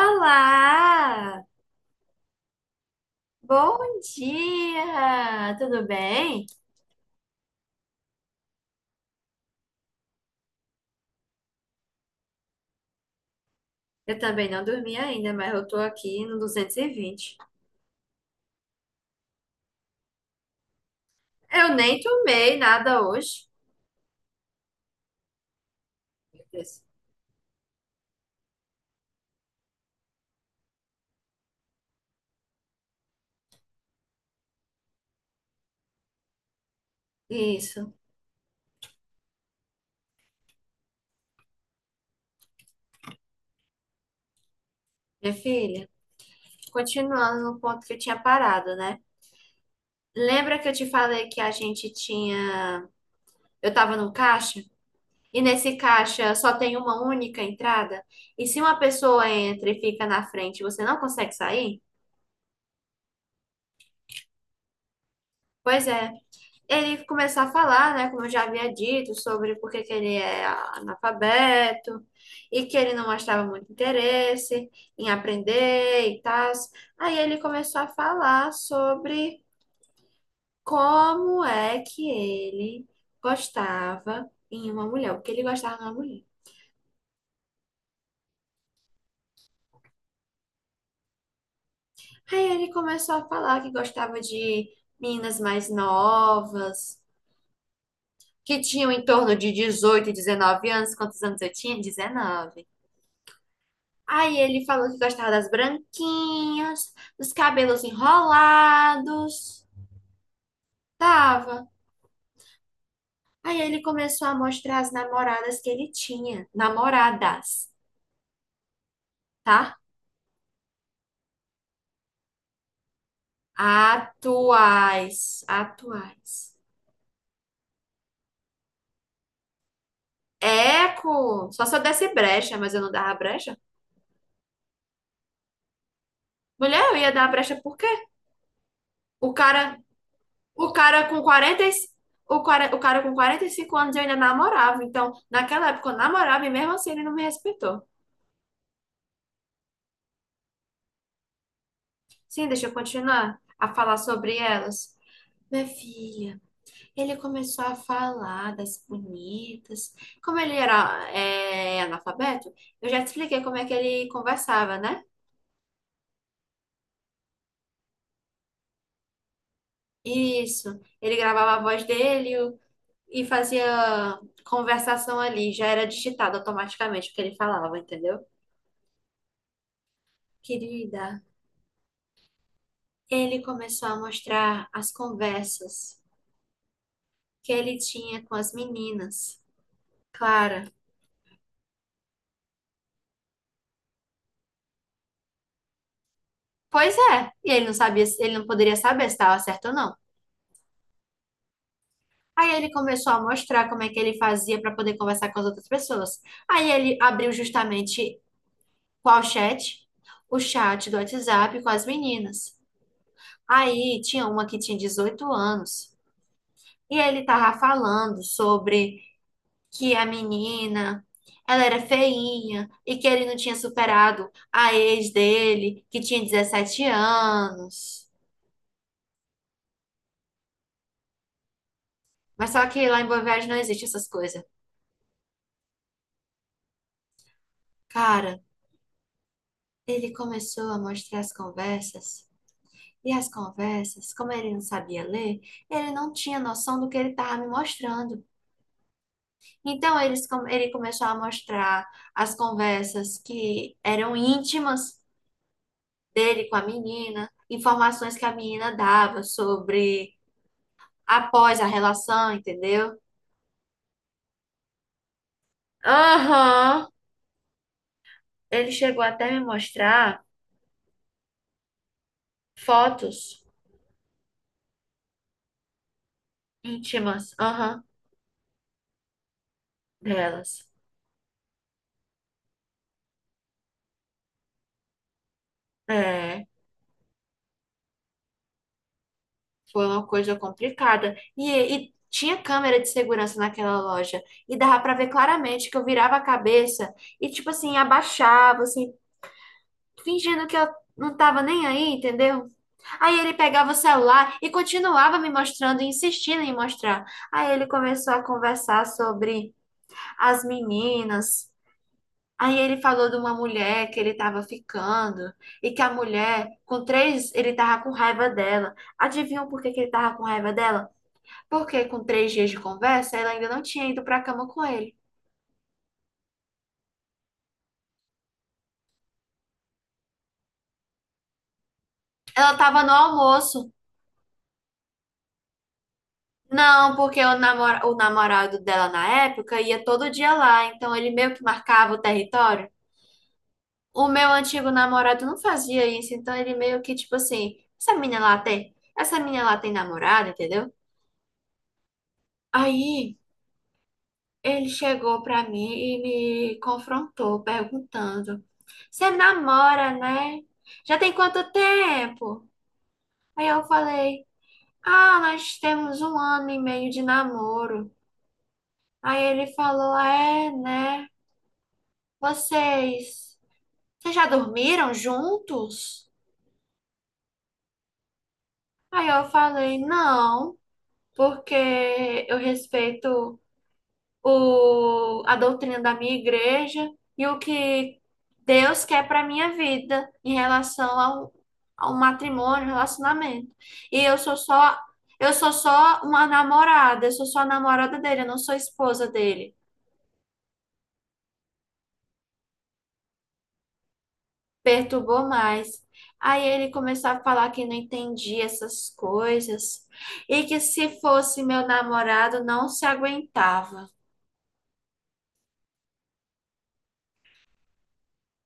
Olá! Bom dia! Tudo bem? Eu também não dormi ainda, mas eu tô aqui no 220. Eu nem tomei nada hoje. Isso. Minha filha, continuando no ponto que eu tinha parado, né? Lembra que eu te falei que a gente tinha. Eu tava no caixa? E nesse caixa só tem uma única entrada? E se uma pessoa entra e fica na frente, você não consegue sair? Pois é. Ele começar a falar, né, como eu já havia dito, sobre por que que ele é analfabeto e que ele não mostrava muito interesse em aprender e tal. Aí ele começou a falar sobre como é que ele gostava em uma mulher, o que ele gostava numa mulher. Aí ele começou a falar que gostava de meninas mais novas, que tinham em torno de 18, 19 anos. Quantos anos eu tinha? 19. Aí ele falou que gostava das branquinhas, dos cabelos enrolados. Tava. Aí ele começou a mostrar as namoradas que ele tinha. Namoradas, tá? Atuais. Atuais. Eco! Só se eu desse brecha, mas eu não dava brecha. Mulher, eu ia dar brecha por quê? O cara, o cara com 40, e- o cara com 45 anos eu ainda namorava. Então, naquela época eu namorava e mesmo assim ele não me respeitou. Sim, deixa eu continuar a falar sobre elas. Minha filha, ele começou a falar das bonitas. Como ele era analfabeto, eu já te expliquei como é que ele conversava, né? Isso. Ele gravava a voz dele o- E fazia conversação ali. Já era digitado automaticamente o que ele falava, entendeu? Querida, ele começou a mostrar as conversas que ele tinha com as meninas. Clara. Pois é, e ele não sabia, ele não poderia saber se estava certo ou não. Aí ele começou a mostrar como é que ele fazia para poder conversar com as outras pessoas. Aí ele abriu justamente qual chat? O chat do WhatsApp com as meninas. Aí tinha uma que tinha 18 anos e ele tava falando sobre que a menina ela era feinha e que ele não tinha superado a ex dele, que tinha 17 anos. Mas só que lá em Boa Viagem não existe essas coisas. Cara, ele começou a mostrar as conversas, e as conversas, como ele não sabia ler, ele não tinha noção do que ele estava me mostrando. Ele começou a mostrar as conversas que eram íntimas dele com a menina, informações que a menina dava sobre após a relação, entendeu? Aham. Ele chegou até me mostrar fotos íntimas, aham, delas. É, foi uma coisa complicada. E tinha câmera de segurança naquela loja. E dava pra ver claramente que eu virava a cabeça e, tipo assim, abaixava, assim, fingindo que eu não tava nem aí, entendeu? Aí ele pegava o celular e continuava me mostrando, insistindo em mostrar. Aí ele começou a conversar sobre as meninas. Aí ele falou de uma mulher que ele tava ficando e que a mulher, ele tava com raiva dela. Adivinham por que que ele tava com raiva dela? Porque com três dias de conversa, ela ainda não tinha ido pra cama com ele. Ela tava no almoço. Não, porque o namorado dela na época ia todo dia lá, então ele meio que marcava o território. O meu antigo namorado não fazia isso, então ele meio que, tipo assim, essa menina lá tem namorada, entendeu? Aí ele chegou pra mim e me confrontou, perguntando: você namora, né? Já tem quanto tempo? Aí eu falei. Ah, nós temos um ano e meio de namoro. Aí ele falou, é, né? Vocês, vocês já dormiram juntos? Aí eu falei, não, porque eu respeito a doutrina da minha igreja e o que Deus quer para minha vida em relação ao matrimônio, um relacionamento. E eu sou só uma namorada, eu sou só a namorada dele, eu não sou esposa dele. Perturbou mais. Aí ele começou a falar que não entendia essas coisas e que se fosse meu namorado não se aguentava.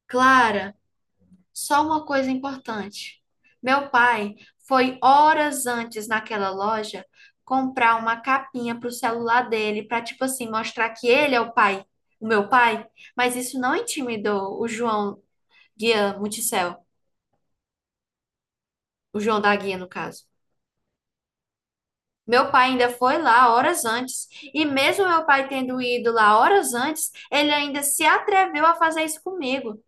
Clara, só uma coisa importante. Meu pai foi horas antes naquela loja comprar uma capinha para o celular dele, para tipo assim mostrar que ele é o pai, o meu pai, mas isso não intimidou o João Guia Multicel, o João da Guia no caso. Meu pai ainda foi lá horas antes, e mesmo meu pai tendo ido lá horas antes, ele ainda se atreveu a fazer isso comigo.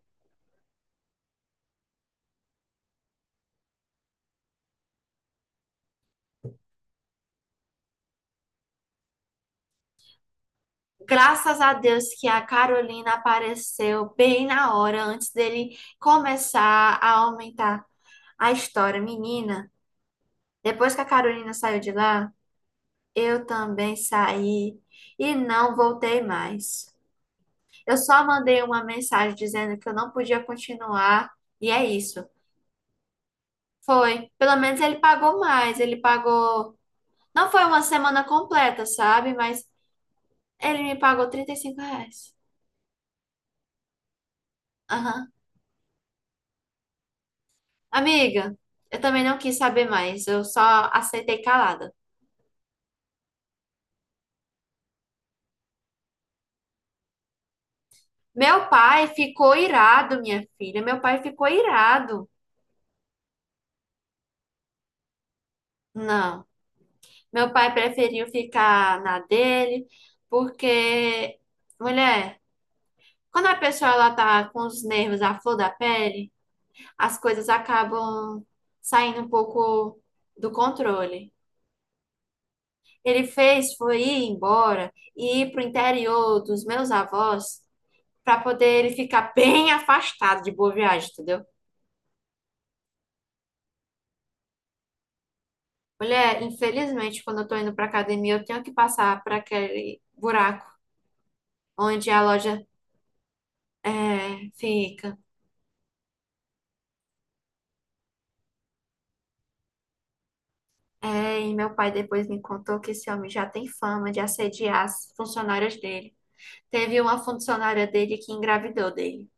Graças a Deus que a Carolina apareceu bem na hora antes dele começar a aumentar a história. Menina, depois que a Carolina saiu de lá, eu também saí e não voltei mais. Eu só mandei uma mensagem dizendo que eu não podia continuar, e é isso. Foi. Pelo menos ele pagou mais. Ele pagou Não foi uma semana completa, sabe? Mas ele me pagou 35 reais. Aham. Amiga, eu também não quis saber mais. Eu só aceitei calada. Meu pai ficou irado, minha filha. Meu pai ficou irado. Não. Meu pai preferiu ficar na dele, porque, mulher, quando a pessoa ela tá com os nervos à flor da pele, as coisas acabam saindo um pouco do controle. Ele fez foi ir embora e ir para o interior dos meus avós para poder ele ficar bem afastado de Boa Viagem, entendeu? Mulher, infelizmente, quando eu tô indo pra academia, eu tenho que passar por aquele buraco onde fica. É, e meu pai depois me contou que esse homem já tem fama de assediar as funcionárias dele. Teve uma funcionária dele que engravidou dele.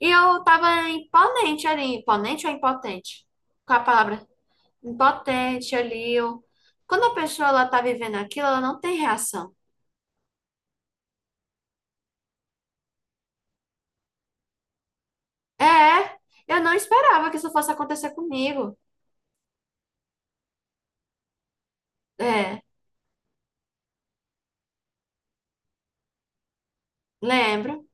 E eu tava imponente ali, imponente ou impotente? Qual a palavra? Impotente ali. Ou... quando a pessoa ela tá vivendo aquilo, ela não tem reação. É, eu não esperava que isso fosse acontecer comigo. É, lembro.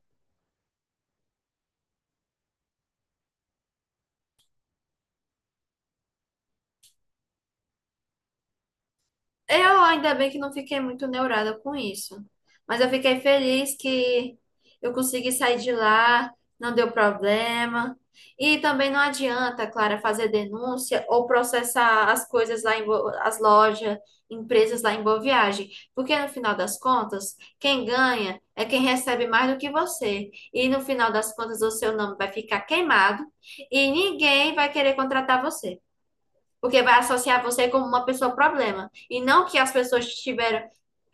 Eu ainda bem que não fiquei muito neurada com isso. Mas eu fiquei feliz que eu consegui sair de lá, não deu problema. E também não adianta, Clara, fazer denúncia ou processar as coisas as lojas, empresas lá em Boa Viagem, porque no final das contas, quem ganha é quem recebe mais do que você. E no final das contas, o seu nome vai ficar queimado e ninguém vai querer contratar você. Porque vai associar você como uma pessoa problema. E não que as pessoas tiveram,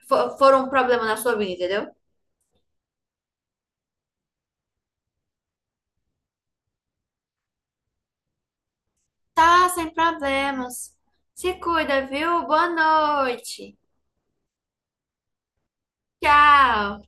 foram um problema na sua vida, entendeu? Tá, sem problemas. Se cuida, viu? Boa noite. Tchau.